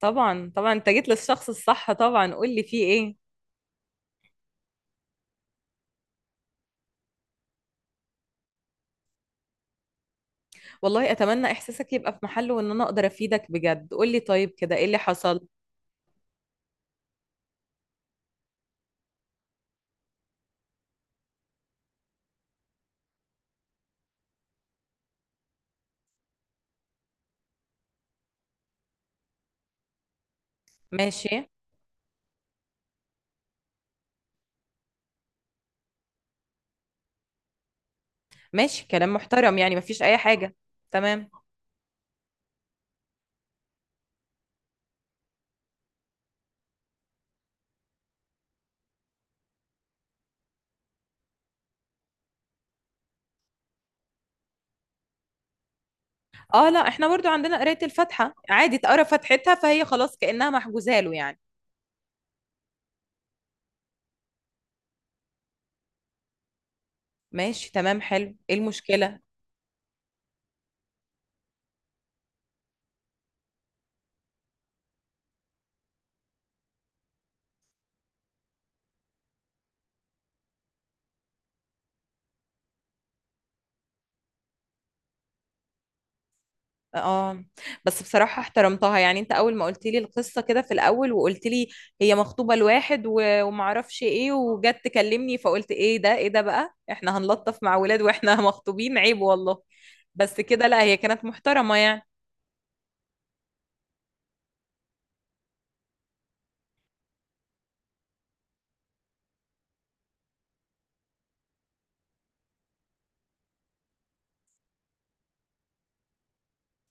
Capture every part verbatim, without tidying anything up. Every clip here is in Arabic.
طبعا، طبعا انت جيت للشخص الصح. طبعا قول لي فيه ايه؟ والله اتمنى احساسك يبقى في محله وان انا اقدر افيدك بجد. قول لي طيب، كده ايه اللي حصل؟ ماشي. ماشي كلام محترم، يعني مفيش اي حاجة. تمام. اه، لا احنا برضو عندنا قراية الفاتحة، عادي، اتقرا فاتحتها فهي خلاص كأنها محجوزة له يعني. ماشي تمام حلو، ايه المشكلة؟ اه، بس بصراحة احترمتها يعني. انت اول ما قلت لي القصة كده في الاول وقلت لي هي مخطوبة لواحد و- ومعرفش ايه، وجت تكلمني فقلت ايه ده، ايه ده، بقى احنا هنلطف مع ولاد واحنا مخطوبين، عيب والله. بس كده لا، هي كانت محترمة يعني.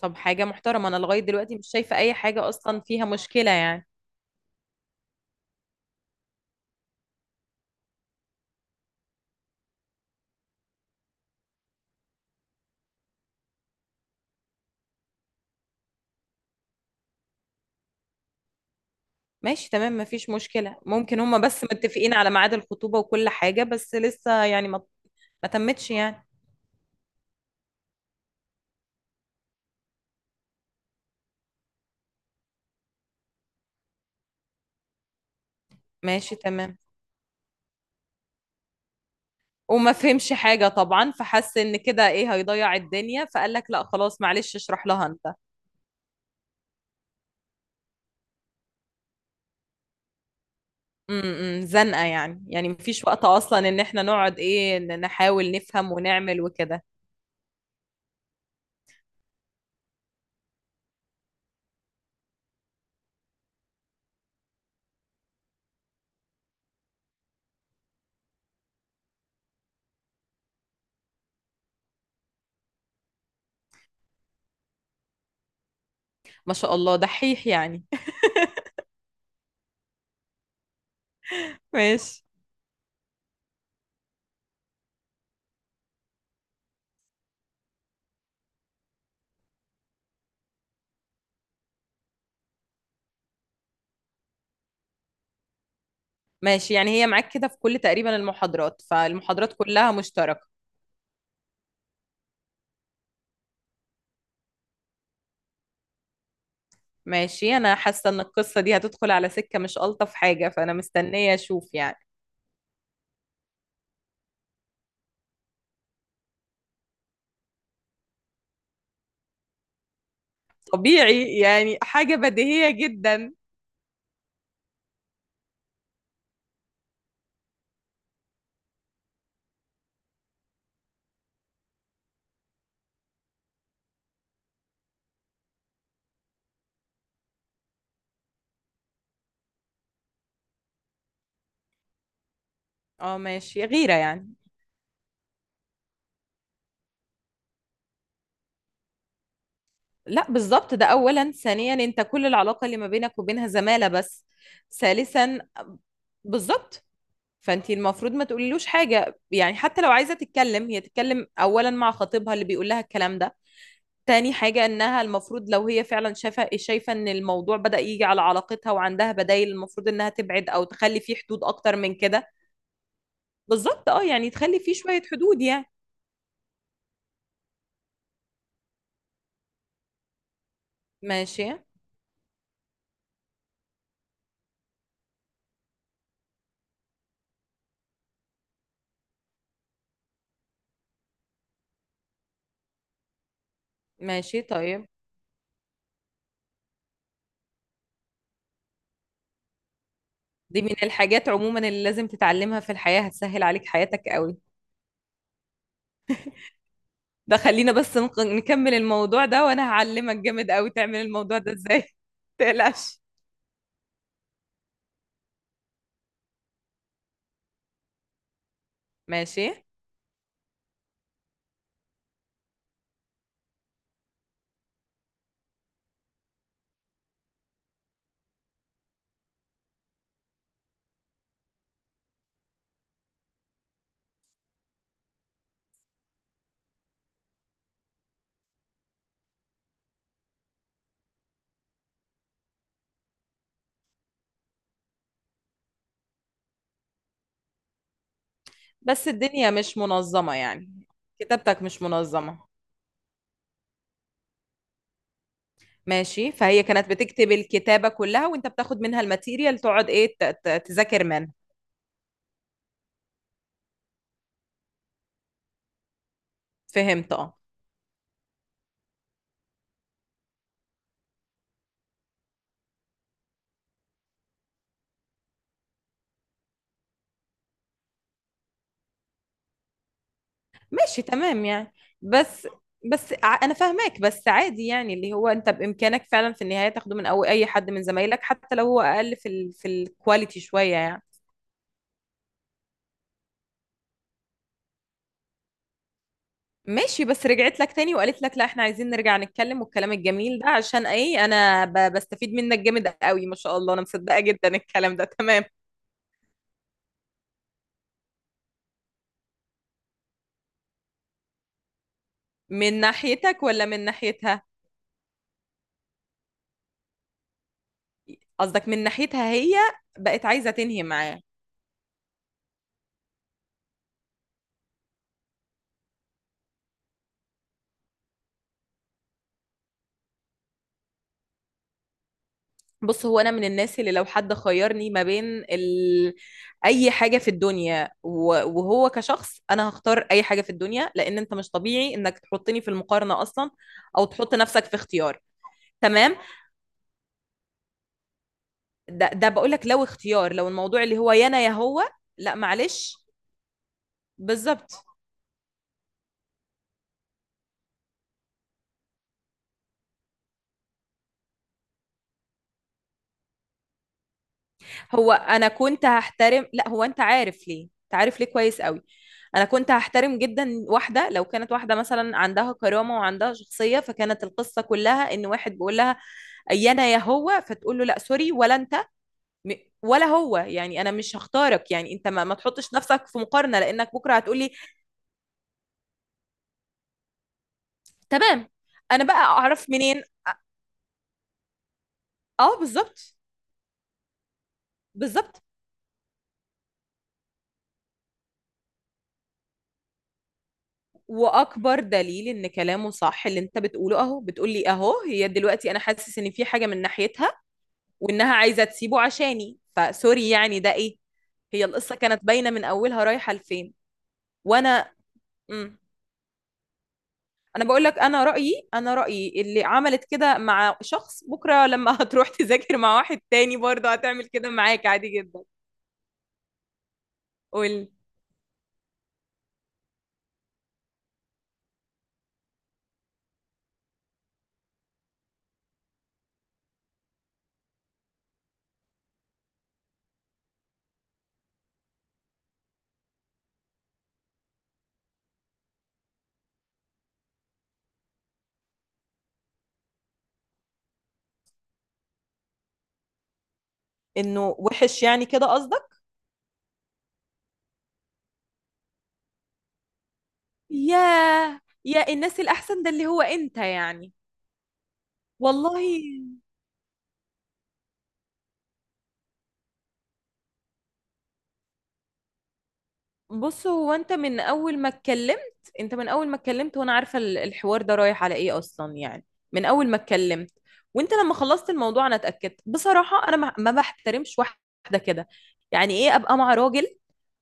طب حاجة محترمة، انا لغاية دلوقتي مش شايفة اي حاجة اصلا فيها مشكلة يعني. ماشي تمام مفيش مشكلة، ممكن هما بس متفقين على ميعاد الخطوبة وكل حاجة، بس لسه يعني ما ما تمتش يعني. ماشي تمام، وما فهمش حاجة طبعا، فحس ان كده ايه هيضيع الدنيا، فقال لك لا خلاص معلش اشرح لها انت. امم زنقة يعني، يعني مفيش وقت اصلا ان احنا نقعد ايه، ن- نحاول نفهم ونعمل وكده. ما شاء الله، دحيح يعني. ماشي. ماشي يعني، هي معاك كده في كل تقريبا المحاضرات، فالمحاضرات كلها مشتركة. ماشي، انا حاسة ان القصة دي هتدخل على سكة مش ألطف حاجة، فانا مستنية اشوف يعني. طبيعي يعني، حاجة بديهية جدا. اه ماشي، غيرة يعني. لا بالظبط، ده اولا. ثانيا انت كل العلاقه اللي ما بينك وبينها زماله بس. ثالثا. بالظبط. فانت المفروض ما تقوليلوش حاجه، يعني حتى لو عايزه تتكلم، هي تتكلم اولا مع خطيبها اللي بيقول لها الكلام ده. تاني حاجه انها المفروض لو هي فعلا شايفه، شايفه ان الموضوع بدأ يجي على علاقتها وعندها بدايل، المفروض انها تبعد او تخلي فيه حدود اكتر من كده. بالظبط اه، يعني تخلي فيه شويه حدود يعني. ماشي. ماشي طيب. دي من الحاجات عموما اللي لازم تتعلمها في الحياه، هتسهل عليك حياتك قوي. ده خلينا بس نق- نكمل الموضوع ده، وانا هعلمك جامد قوي تعمل الموضوع ده ازاي تقلقش. ماشي. بس الدنيا مش منظمة يعني. كتابتك مش منظمة. ماشي، فهي كانت بتكتب الكتابة كلها، وانت بتاخد منها الماتيريال تقعد ايه ت- ت- تذاكر منها. فهمت اه. ماشي تمام يعني. بس. بس ع- انا فاهماك، بس عادي يعني اللي هو انت بامكانك فعلا في النهاية تاخده من أو اي حد من زمايلك، حتى لو هو اقل في ال في الكواليتي شوية يعني. ماشي، بس رجعت لك تاني وقالت لك لا احنا عايزين نرجع نتكلم، والكلام الجميل ده عشان ايه؟ انا ب- بستفيد منك جامد قوي ما شاء الله. انا مصدقة جدا الكلام ده، تمام. من ناحيتك ولا من ناحيتها؟ قصدك من ناحيتها هي. بقت عايزة تنهي معاه. بص هو انا من الناس اللي لو حد خيرني ما بين ال... اي حاجة في الدنيا و... وهو كشخص، انا هختار اي حاجة في الدنيا، لان انت مش طبيعي انك تحطني في المقارنة اصلا، او تحط نفسك في اختيار. تمام. ده ده بقول لك، لو اختيار، لو الموضوع اللي هو يا انا يا هو. لا معلش. بالظبط. هو انا كنت هحترم، لا هو انت عارف ليه، انت عارف ليه كويس قوي. انا كنت هحترم جدا واحده، لو كانت واحده مثلا عندها كرامه وعندها شخصيه، فكانت القصه كلها ان واحد بيقول لها يا انا يا هو، فتقول له لا سوري ولا انت. م- ولا هو، يعني انا مش هختارك، يعني انت ما, ما تحطش نفسك في مقارنه، لانك بكره هتقولي. تمام. انا بقى اعرف منين. اه بالظبط. بالظبط. واكبر دليل ان كلامه صح اللي انت بتقوله اهو، بتقولي اهو هي دلوقتي انا حاسس ان في حاجه من ناحيتها، وانها عايزه تسيبه عشاني، فسوري يعني ده ايه. هي القصه كانت باينه من اولها رايحه لفين. وانا. امم انا بقول لك، انا رايي، انا رايي اللي عملت كده مع شخص بكره لما هتروح تذاكر مع واحد تاني برضه هتعمل كده معاك عادي جدا. قول. انه وحش يعني كده قصدك؟ ياه، يا الناس الاحسن ده اللي هو انت يعني. والله. بص، هو انت من اول ما اتكلمت، انت من اول ما اتكلمت وانا عارفه ال- الحوار ده رايح على ايه اصلا يعني. من اول ما اتكلمت. وانت لما خلصت الموضوع انا اتاكدت بصراحه. انا ما ما بحترمش واحده كده. يعني ايه ابقى مع راجل،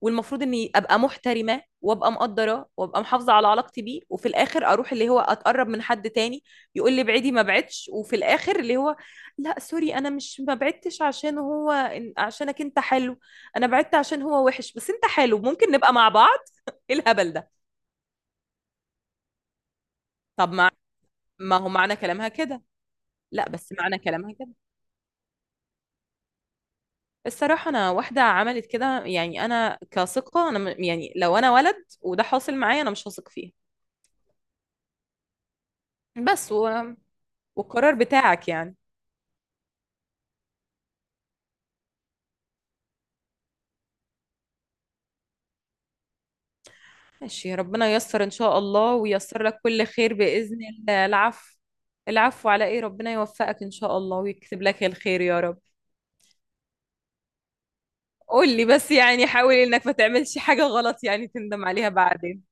والمفروض اني ابقى محترمه وابقى مقدره وابقى محافظه على علاقتي بيه، وفي الاخر اروح اللي هو اتقرب من حد تاني، يقول لي ابعدي ما بعدش، وفي الاخر اللي هو لا سوري، انا مش ما بعدتش عشان هو، عشانك انت حلو، انا بعدت عشان هو وحش بس انت حلو، ممكن نبقى مع بعض. ايه الهبل ده. طب ما. ما هو معنى كلامها كده. لا بس معنى كلامها كده. الصراحة أنا واحدة عملت كده، يعني أنا كثقة أنا م- يعني لو أنا ولد وده حاصل معايا أنا مش هثق فيه. بس و... والقرار بتاعك يعني. ماشي، ربنا ييسر إن شاء الله وييسر لك كل خير بإذن الله. العفو. العفو على إيه، ربنا يوفقك إن شاء الله ويكتب لك الخير يا رب. قول لي بس يعني، حاول إنك ما تعملش حاجة غلط يعني تندم عليها بعدين.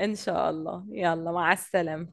إن شاء الله، يلا مع السلامة.